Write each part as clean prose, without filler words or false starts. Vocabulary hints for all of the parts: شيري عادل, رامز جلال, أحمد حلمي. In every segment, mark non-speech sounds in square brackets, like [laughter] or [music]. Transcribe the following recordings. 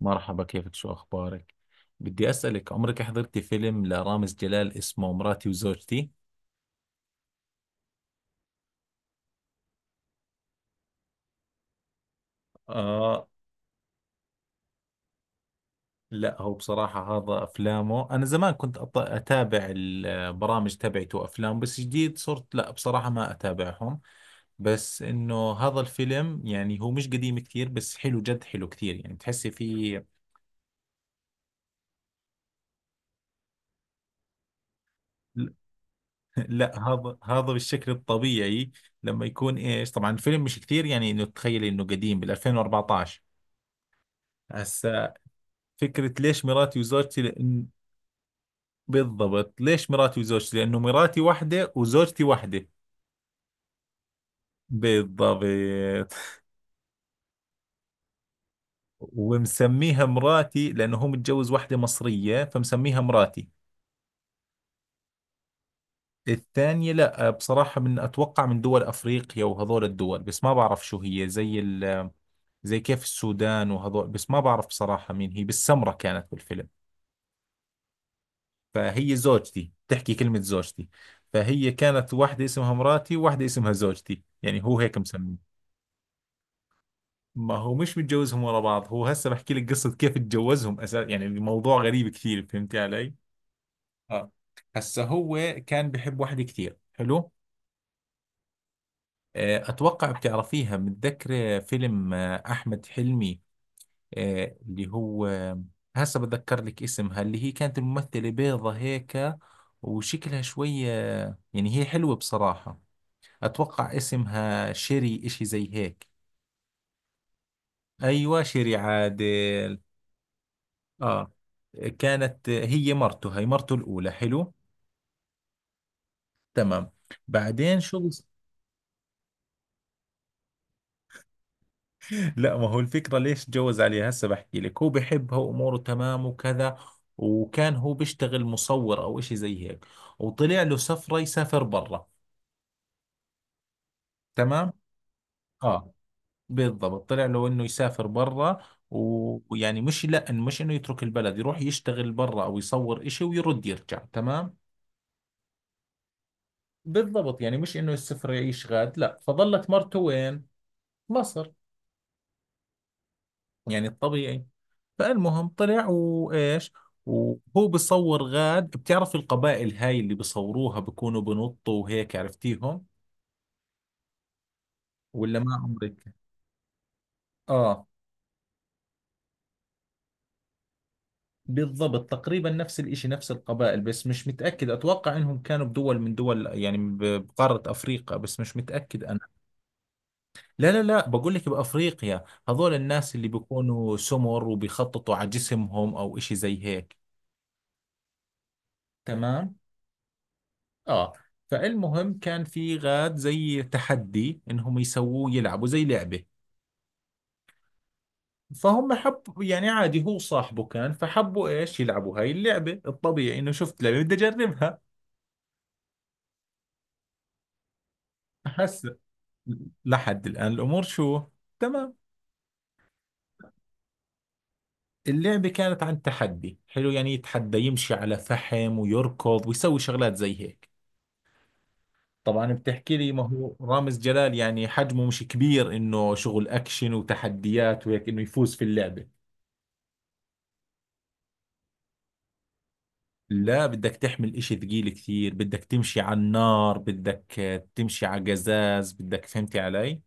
مرحبا، كيفك؟ شو أخبارك؟ بدي أسألك، عمرك حضرتي فيلم لرامز جلال اسمه مراتي وزوجتي؟ آه. لا، هو بصراحة هذا أفلامه، أنا زمان كنت أتابع البرامج تبعته وأفلام، بس جديد صرت لا بصراحة ما أتابعهم. بس إنه هذا الفيلم، يعني هو مش قديم كثير، بس حلو، جد حلو كثير، يعني تحسي فيه. [laughs] لا، هذا بالشكل الطبيعي. لما يكون إيش، طبعا الفيلم مش كثير، يعني إنه تخيلي إنه قديم بال 2014. هسا، فكرة ليش مراتي وزوجتي؟ لأن بالضبط، ليش مراتي وزوجتي؟ لأنه مراتي واحدة وزوجتي واحدة. بالضبط. ومسميها مراتي لأنه هو متجوز واحدة مصرية، فمسميها مراتي. الثانية لا بصراحة، من أتوقع من دول أفريقيا وهذول الدول، بس ما بعرف شو هي، زي زي كيف السودان وهذول، بس ما بعرف بصراحة مين هي، بالسمرة كانت بالفيلم. فهي زوجتي، تحكي كلمة زوجتي. فهي كانت واحدة اسمها مراتي وواحدة اسمها زوجتي، يعني هو هيك مسمي. ما هو مش متجوزهم ورا بعض، هو هسه بحكي لك قصة كيف اتجوزهم اساس، يعني الموضوع غريب كثير، فهمتي علي؟ اه. هسه هو كان بحب واحدة كثير، حلو؟ اتوقع بتعرفيها، متذكرة فيلم احمد حلمي؟ آه، اللي هو آه، هسه بتذكر لك اسمها، اللي هي كانت الممثلة بيضة هيك وشكلها شوية، يعني هي حلوة بصراحة. اتوقع اسمها شيري، اشي زي هيك. ايوه، شيري عادل. اه. كانت هي مرته الأولى، حلو؟ تمام. بعدين شو [laughs] لا، ما هو الفكرة ليش تجوز عليها، هسه بحكي لك. هو بحبها وأموره تمام وكذا، وكان هو بيشتغل مصور أو إشي زي هيك، وطلع له سفرة يسافر برا. تمام. اه بالضبط، طلع له إنه يسافر برا. ويعني مش، لا مش إنه يترك البلد، يروح يشتغل برا أو يصور إشي ويرد يرجع. تمام. بالضبط، يعني مش إنه السفر يعيش غاد لا. فظلت مرته وين؟ مصر، يعني الطبيعي. فالمهم طلع وايش، وهو بيصور غاد. بتعرف القبائل هاي اللي بيصوروها بيكونوا بنطوا وهيك، عرفتيهم ولا ما عمرك؟ اه بالضبط، تقريبا نفس الاشي، نفس القبائل، بس مش متأكد، اتوقع انهم كانوا بدول من دول، يعني بقارة افريقيا، بس مش متأكد انا. لا بقول لك بافريقيا، هذول الناس اللي بيكونوا سمر وبيخططوا على جسمهم او اشي زي هيك. تمام اه. فالمهم كان في غاد زي تحدي، انهم يسووه يلعبوا زي لعبة. فهم حب، يعني عادي هو صاحبه كان، فحبوا ايش يلعبوا هاي اللعبة. الطبيعي انه شفت لعبة بدي اجربها. هسه لحد الان الامور شو، تمام. اللعبة كانت عن تحدي حلو، يعني يتحدى يمشي على فحم ويركض ويسوي شغلات زي هيك. طبعا بتحكي لي، ما هو رامز جلال يعني حجمه مش كبير انه شغل اكشن وتحديات وهيك، انه يفوز في اللعبة. لا، بدك تحمل اشي ثقيل كثير، بدك تمشي على النار، بدك تمشي على قزاز، بدك، فهمتي علي؟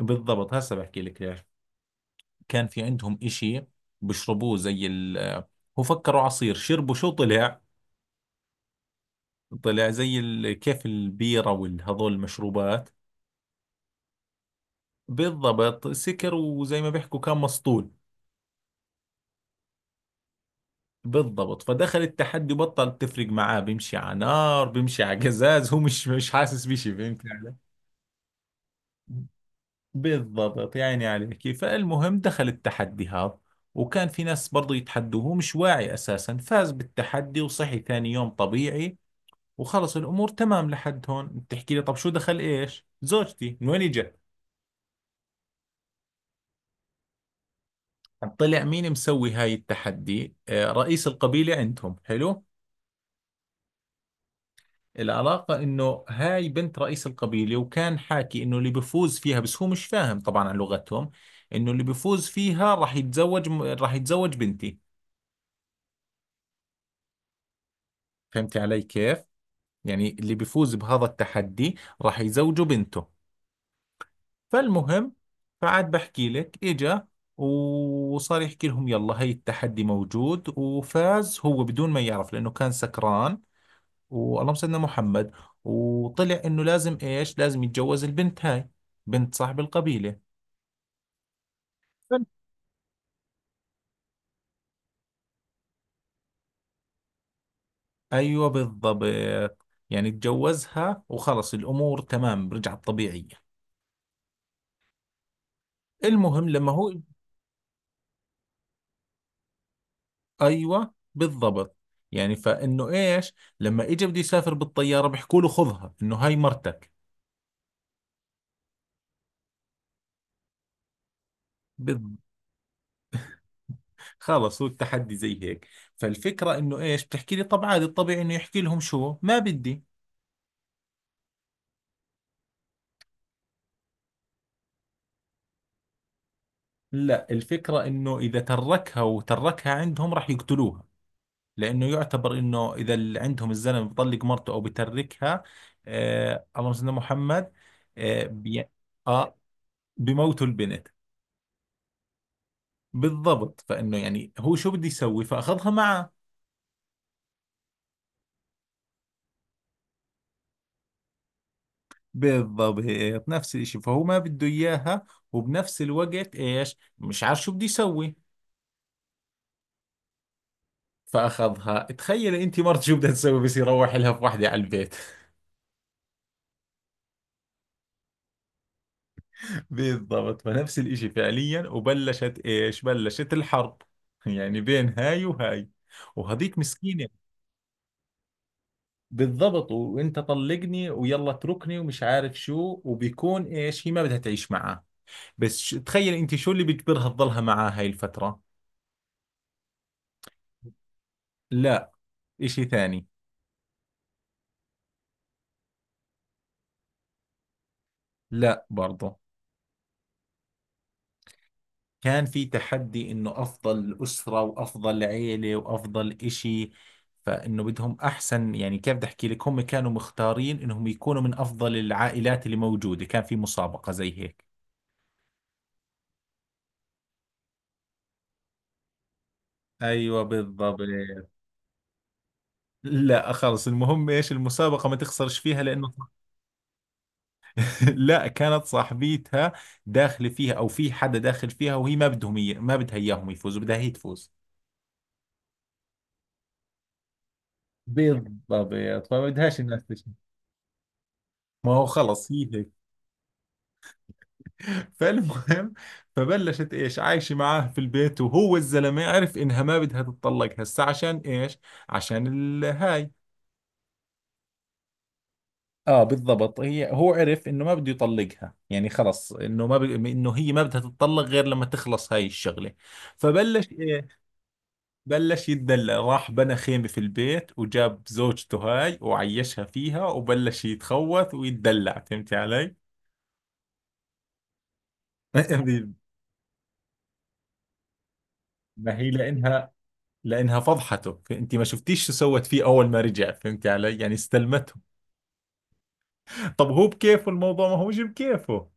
بالضبط، هسه بحكي لك ليش. كان في عندهم اشي بيشربوه، زي ال آه، هو فكروا عصير، شربوا شو طلع؟ طلع زي كيف البيرة والهذول المشروبات. بالضبط، سكر، وزي ما بيحكوا كان مسطول. بالضبط، فدخل التحدي، بطل تفرق معاه، بيمشي على نار، بيمشي على قزاز، هو مش حاسس بشي، فهمت علي؟ بالضبط، يعني عليك. فالمهم دخل التحدي هذا، وكان في ناس برضو يتحدوه، هو مش واعي أساسا، فاز بالتحدي، وصحي ثاني يوم طبيعي، وخلص الأمور تمام. لحد هون بتحكي لي، طب شو دخل إيش زوجتي، من وين إجت؟ طلع مين مسوي هاي التحدي؟ رئيس القبيلة عندهم، حلو. العلاقة إنه هاي بنت رئيس القبيلة، وكان حاكي إنه اللي بفوز فيها، بس هو مش فاهم طبعا عن لغتهم، إنه اللي بفوز فيها راح يتزوج بنتي. فهمتي علي كيف؟ يعني اللي بيفوز بهذا التحدي راح يزوجه بنته. فالمهم، فعاد بحكي لك، اجا وصار يحكي لهم يلا، هي التحدي موجود، وفاز هو بدون ما يعرف لأنه كان سكران، واللهم سيدنا محمد، وطلع انه لازم ايش، لازم يتجوز البنت هاي، بنت صاحب القبيلة. فال- ايوه بالضبط. يعني تجوزها وخلص الامور تمام، رجعت طبيعية. المهم لما هو، ايوه بالضبط، يعني فانه ايش، لما اجى بده يسافر بالطياره، بيحكوا له خذها انه هاي مرتك. بالضبط. خلص هو التحدي زي هيك. فالفكره انه ايش، بتحكي لي طب عادي الطبيعي انه يحكي لهم شو ما بدي. لا، الفكره انه اذا تركها وتركها عندهم راح يقتلوها، لانه يعتبر انه اذا اللي عندهم الزلمه بيطلق مرته او بتركها، آه اللهم صل على محمد، آه, بي آه بموتوا البنت. بالضبط، فانه يعني هو شو بده يسوي، فاخذها معه. بالضبط، هيك نفس الاشي، فهو ما بده اياها، وبنفس الوقت ايش، مش عارف شو بده يسوي، فاخذها. تخيلي انت مرت، شو بدها تسوي بس يروح لها في وحده على البيت؟ [laughs] بالضبط، فنفس الاشي، فعليا وبلشت ايش، بلشت الحرب، يعني بين هاي وهاي، وهذيك مسكينة. بالضبط، وانت طلقني ويلا اتركني ومش عارف شو، وبيكون ايش، هي ما بدها تعيش معاه، بس تخيل انت شو اللي بيجبرها تضلها معاه هاي الفترة؟ لا، اشي ثاني. لا برضه. كان في تحدي انه افضل اسرة وافضل عيلة وافضل اشي، فانه بدهم احسن، يعني كيف بدي احكي لك، هم كانوا مختارين انهم يكونوا من افضل العائلات اللي موجودة، كان في مسابقة زي هيك. ايوه بالضبط. لا خلص، المهم ايش، المسابقة ما تخسرش فيها، لانه [laughs] لا كانت صاحبيتها داخلة فيها او في حدا داخل فيها وهي ما بدهم ما بدها اياهم يفوزوا، بدها هي تفوز. بالضبط، فما بدهاش الناس تشوف. ما هو خلص هي هيك. فالمهم، فبلشت ايش، عايشه معاه في البيت، وهو الزلمه عرف انها ما بدها تتطلق هسه، عشان ايش؟ عشان الهاي. اه بالضبط، هي هو عرف انه ما بده يطلقها، يعني خلص انه ما انه هي ما بدها تتطلق غير لما تخلص هاي الشغله. فبلش ايه؟ بلش يتدلع، راح بنى خيمه في البيت وجاب زوجته هاي وعيشها فيها، وبلش يتخوث ويتدلع، فهمتي علي؟ [laughs] ما هي لانها، فضحته. انت ما شفتيش شو سوت فيه اول ما رجع، فهمتي علي، يعني استلمته. [laughs] طب هو بكيفه الموضوع، ما هوش بكيفه.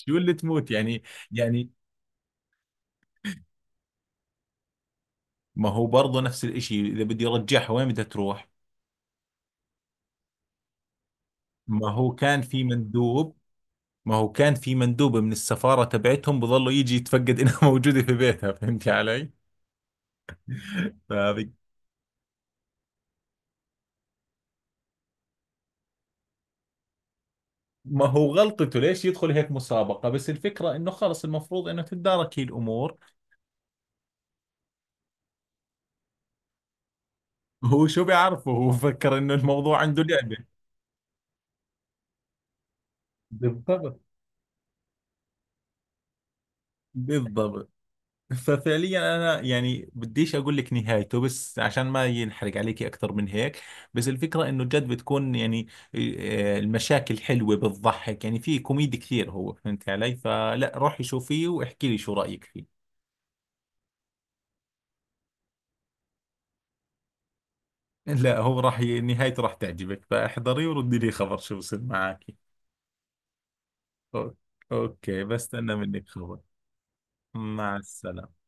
شو اللي تموت يعني؟ يعني ما هو برضه نفس الاشي، اذا بدي ارجعها وين بدها تروح؟ ما هو كان في مندوب ما هو كان في مندوب من السفارة تبعتهم، بظلوا يجي يتفقد انها [laughs] موجودة في بيتها، فهمتي علي؟ فهذه. ما هو غلطته ليش يدخل هيك مسابقة، بس الفكرة انه خلص المفروض انه تتدارك هي الامور. هو شو بيعرفه، هو فكر انه الموضوع عنده لعبة. بالضبط. بالضبط. ففعليا انا يعني بديش اقول لك نهايته، بس عشان ما ينحرق عليكي اكثر من هيك. بس الفكره انه جد بتكون يعني المشاكل حلوه، بتضحك، يعني في كوميدي كثير هو، فهمت علي؟ فلا روحي شوفيه واحكي لي شو رايك فيه. لا، هو راح نهايته راح تعجبك، فاحضري وردي لي خبر شو بصير معك. أو- اوكي، بستنى منك خبر. مع السلامه.